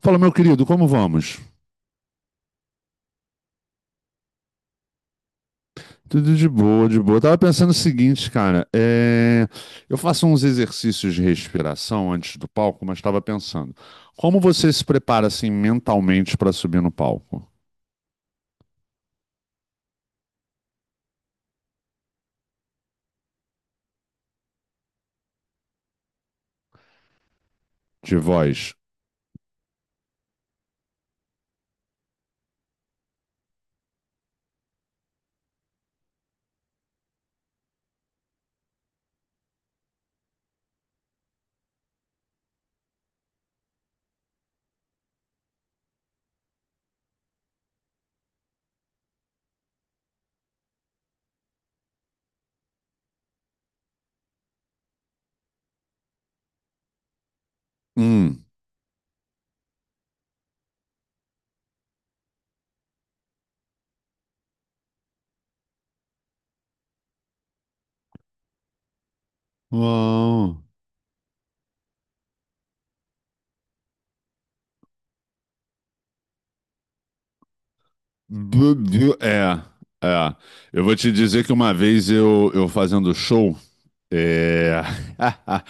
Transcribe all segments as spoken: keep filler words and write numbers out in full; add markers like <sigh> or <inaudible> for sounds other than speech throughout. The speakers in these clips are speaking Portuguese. Fala, meu querido, como vamos? Tudo de boa, de boa. Eu tava pensando o seguinte, cara, é, eu faço uns exercícios de respiração antes do palco, mas estava pensando, como você se prepara assim mentalmente para subir no palco? De voz? Hum. Uau. Bu- bu- É, é. Eu vou te dizer que uma vez eu, eu fazendo show. É... <laughs>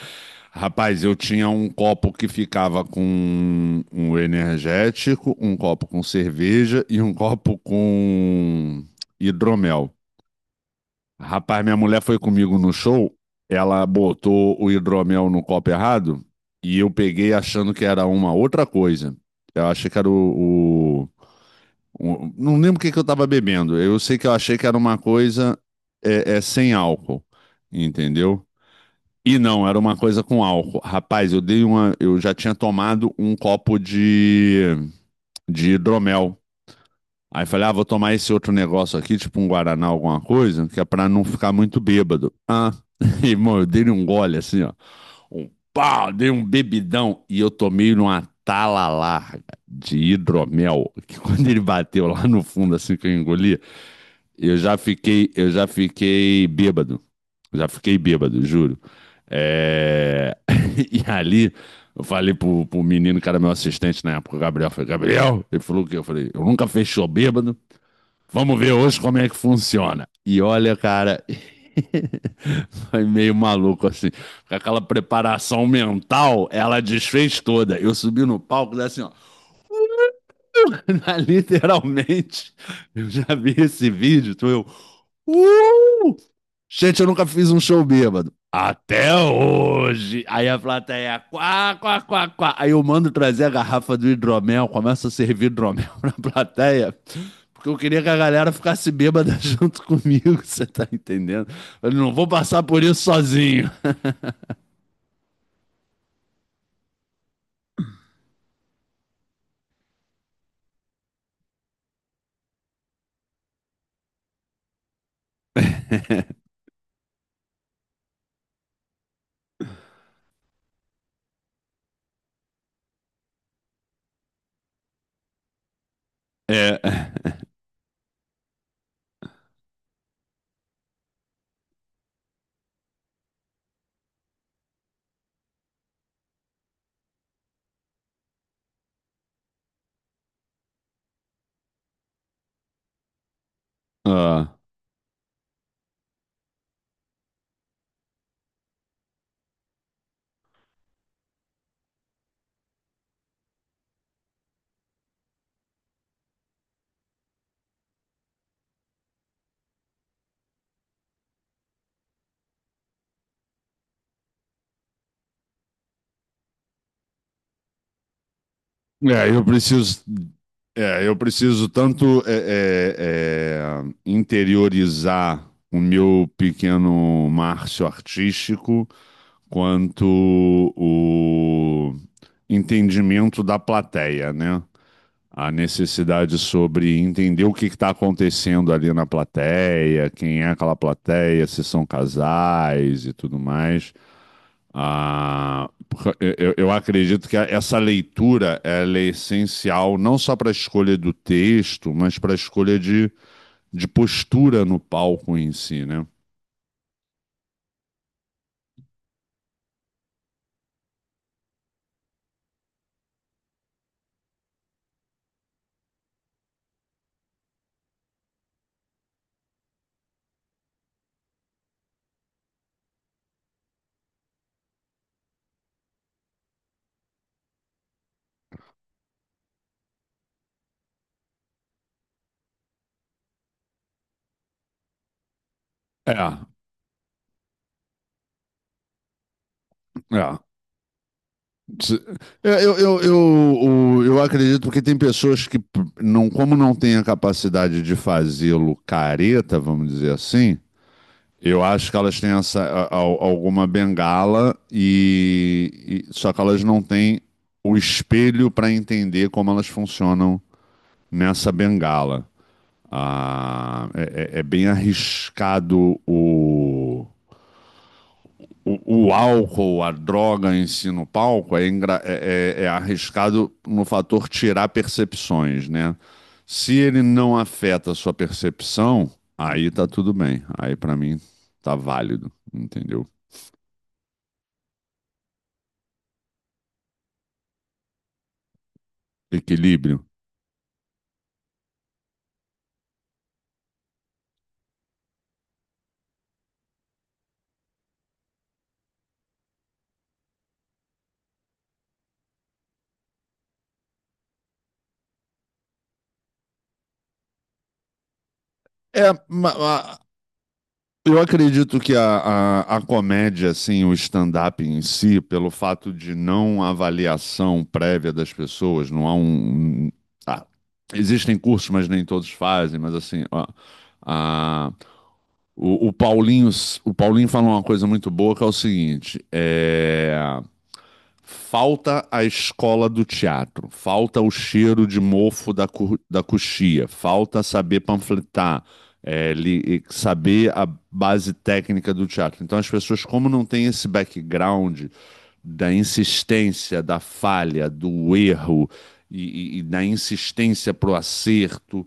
Rapaz, eu tinha um copo que ficava com um energético, um copo com cerveja e um copo com hidromel. Rapaz, minha mulher foi comigo no show, ela botou o hidromel no copo errado e eu peguei achando que era uma outra coisa. Eu achei que era o, o- o- não lembro o que que eu tava bebendo. Eu sei que eu achei que era uma coisa é, é, sem álcool, entendeu? E não, era uma coisa com álcool. Rapaz, eu dei uma. Eu já tinha tomado um copo de, de hidromel. Aí falei, ah, vou tomar esse outro negócio aqui, tipo um Guaraná, alguma coisa, que é pra não ficar muito bêbado. Ah, <laughs> e, irmão, eu dei um gole assim, ó. Um pau, dei um bebidão. E eu tomei numa tala larga de hidromel, que quando ele bateu lá no fundo, assim que eu engoli, eu já fiquei, eu já fiquei bêbado. Já fiquei bêbado, juro. É, <laughs> e ali, eu falei pro, pro menino que era meu assistente na época, o Gabriel. Eu falei, Gabriel, ele falou o quê? Eu falei, eu nunca fechou bêbado. Vamos ver hoje como é que funciona. E olha, cara, <laughs> foi meio maluco assim. Com aquela preparação mental, ela desfez toda. Eu subi no palco, daí assim, ó. <laughs> Literalmente, eu já vi esse vídeo, tu eu. "Uh! Gente, eu nunca fiz um show bêbado. Até hoje. Aí a plateia, quá, quá, quá, quá. Aí eu mando trazer a garrafa do hidromel, começa a servir hidromel <laughs> na plateia, porque eu queria que a galera ficasse bêbada <laughs> junto comigo, você tá entendendo? Eu não vou passar por isso sozinho. <laughs> É. Ah. É, eu preciso, é, eu preciso tanto é, é, é, interiorizar o meu pequeno Márcio artístico, quanto o entendimento da plateia, né? A necessidade sobre entender o que está acontecendo ali na plateia, quem é aquela plateia, se são casais e tudo mais. Ah, porque eu, eu acredito que essa leitura ela é essencial não só para a escolha do texto, mas para a escolha de, de postura no palco em si, né? É, é. Se- é, Eu, eu, eu, eu acredito que tem pessoas que, p- não, como não têm a capacidade de fazê-lo careta, vamos dizer assim, eu acho que elas têm essa, a- a- alguma bengala e, e- só que elas não têm o espelho para entender como elas funcionam nessa bengala. Ah, é, é- é bem arriscado o, o, o álcool, a droga em si no palco é, engra- é- é- é arriscado no fator tirar percepções, né? Se ele não afeta a sua percepção, aí tá tudo bem. Aí para mim tá válido, entendeu? Equilíbrio. É, eu acredito que a, a, a comédia, assim, o stand-up em si, pelo fato de não avaliação prévia das pessoas, não há um. Ah, existem cursos, mas nem todos fazem, mas assim, ó, a- o, o Paulinho, o Paulinho fala uma coisa muito boa que é o seguinte: é. Falta a escola do teatro, falta o cheiro de mofo da, cu- da coxia, falta saber panfletar, é, li- saber a base técnica do teatro. Então, as pessoas, como não têm esse background da insistência, da falha, do erro e, e- e da insistência para o acerto,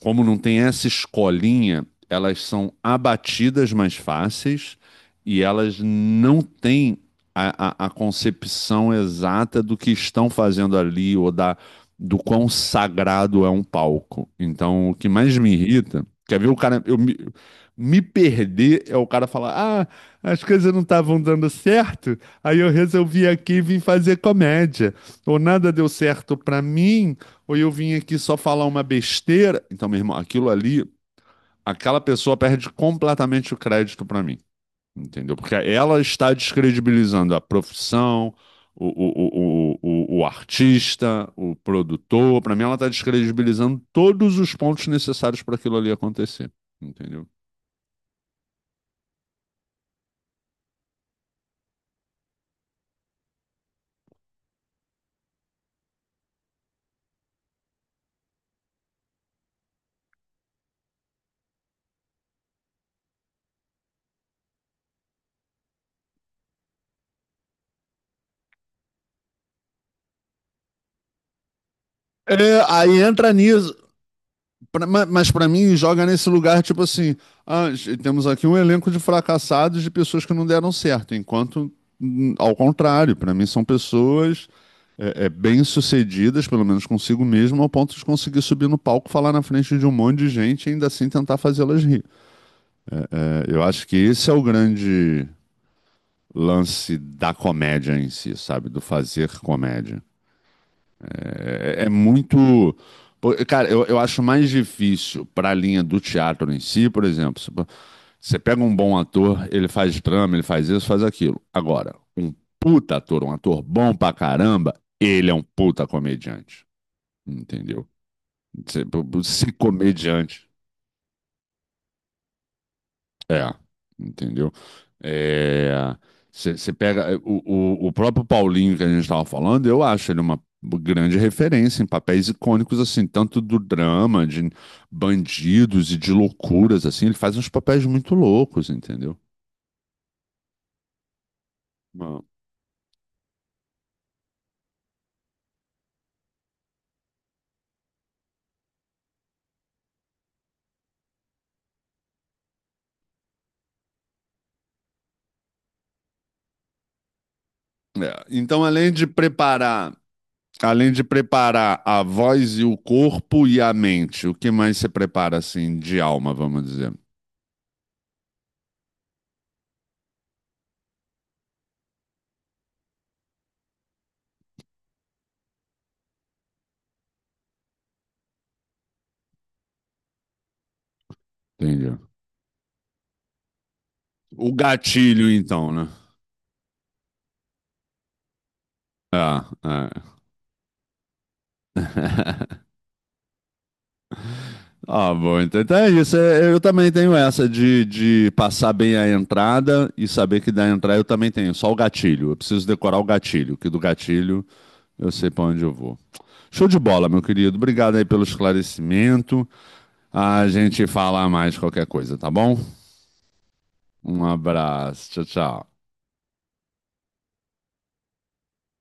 como não tem essa escolinha, elas são abatidas mais fáceis e elas não têm a, a, a concepção exata do que estão fazendo ali ou da, do quão sagrado é um palco. Então, o que mais me irrita, quer ver o cara, eu me, me perder é o cara falar: "Ah, as coisas não estavam dando certo, aí eu resolvi aqui e vim fazer comédia, ou nada deu certo pra mim, ou eu vim aqui só falar uma besteira". Então, meu irmão, aquilo ali, aquela pessoa perde completamente o crédito pra mim. Entendeu? Porque ela está descredibilizando a profissão, o, o, o, o, o artista, o produtor. Para mim, ela está descredibilizando todos os pontos necessários para aquilo ali acontecer. Entendeu? É, aí entra nisso, pra- mas para mim joga nesse lugar tipo assim, ah, temos aqui um elenco de fracassados de pessoas que não deram certo, enquanto hum, ao contrário, para mim são pessoas é, é, bem-sucedidas, pelo menos consigo mesmo, ao ponto de conseguir subir no palco, falar na frente de um monte de gente e ainda assim tentar fazê-las rir. É, eu acho que esse é o grande lance da comédia em si, sabe? Do fazer comédia. É, é muito. Cara, eu, eu acho mais difícil para a linha do teatro em si, por exemplo. Você pega um bom ator, ele faz drama, ele faz isso, faz aquilo. Agora, um puta ator, um ator bom pra caramba, ele é um puta comediante. Entendeu? Se ser comediante. É, entendeu? É, você pega é, o, o, o próprio Paulinho que a gente estava falando, eu acho ele uma grande referência em papéis icônicos, assim, tanto do drama, de bandidos e de loucuras, assim, ele faz uns papéis muito loucos, entendeu? Ah. É, então, além de preparar, além de preparar a voz e o corpo e a mente, o que mais você prepara, assim, de alma, vamos dizer? Entendeu? O gatilho, então, né? Ah, é. <laughs> Ah, bom, então, então é isso. É, eu também tenho essa de, de passar bem a entrada e saber que da entrada eu também tenho, só o gatilho. Eu preciso decorar o gatilho, que do gatilho eu sei para onde eu vou. Show de bola, meu querido. Obrigado aí pelo esclarecimento. A gente fala mais qualquer coisa, tá bom? Um abraço. Tchau, tchau.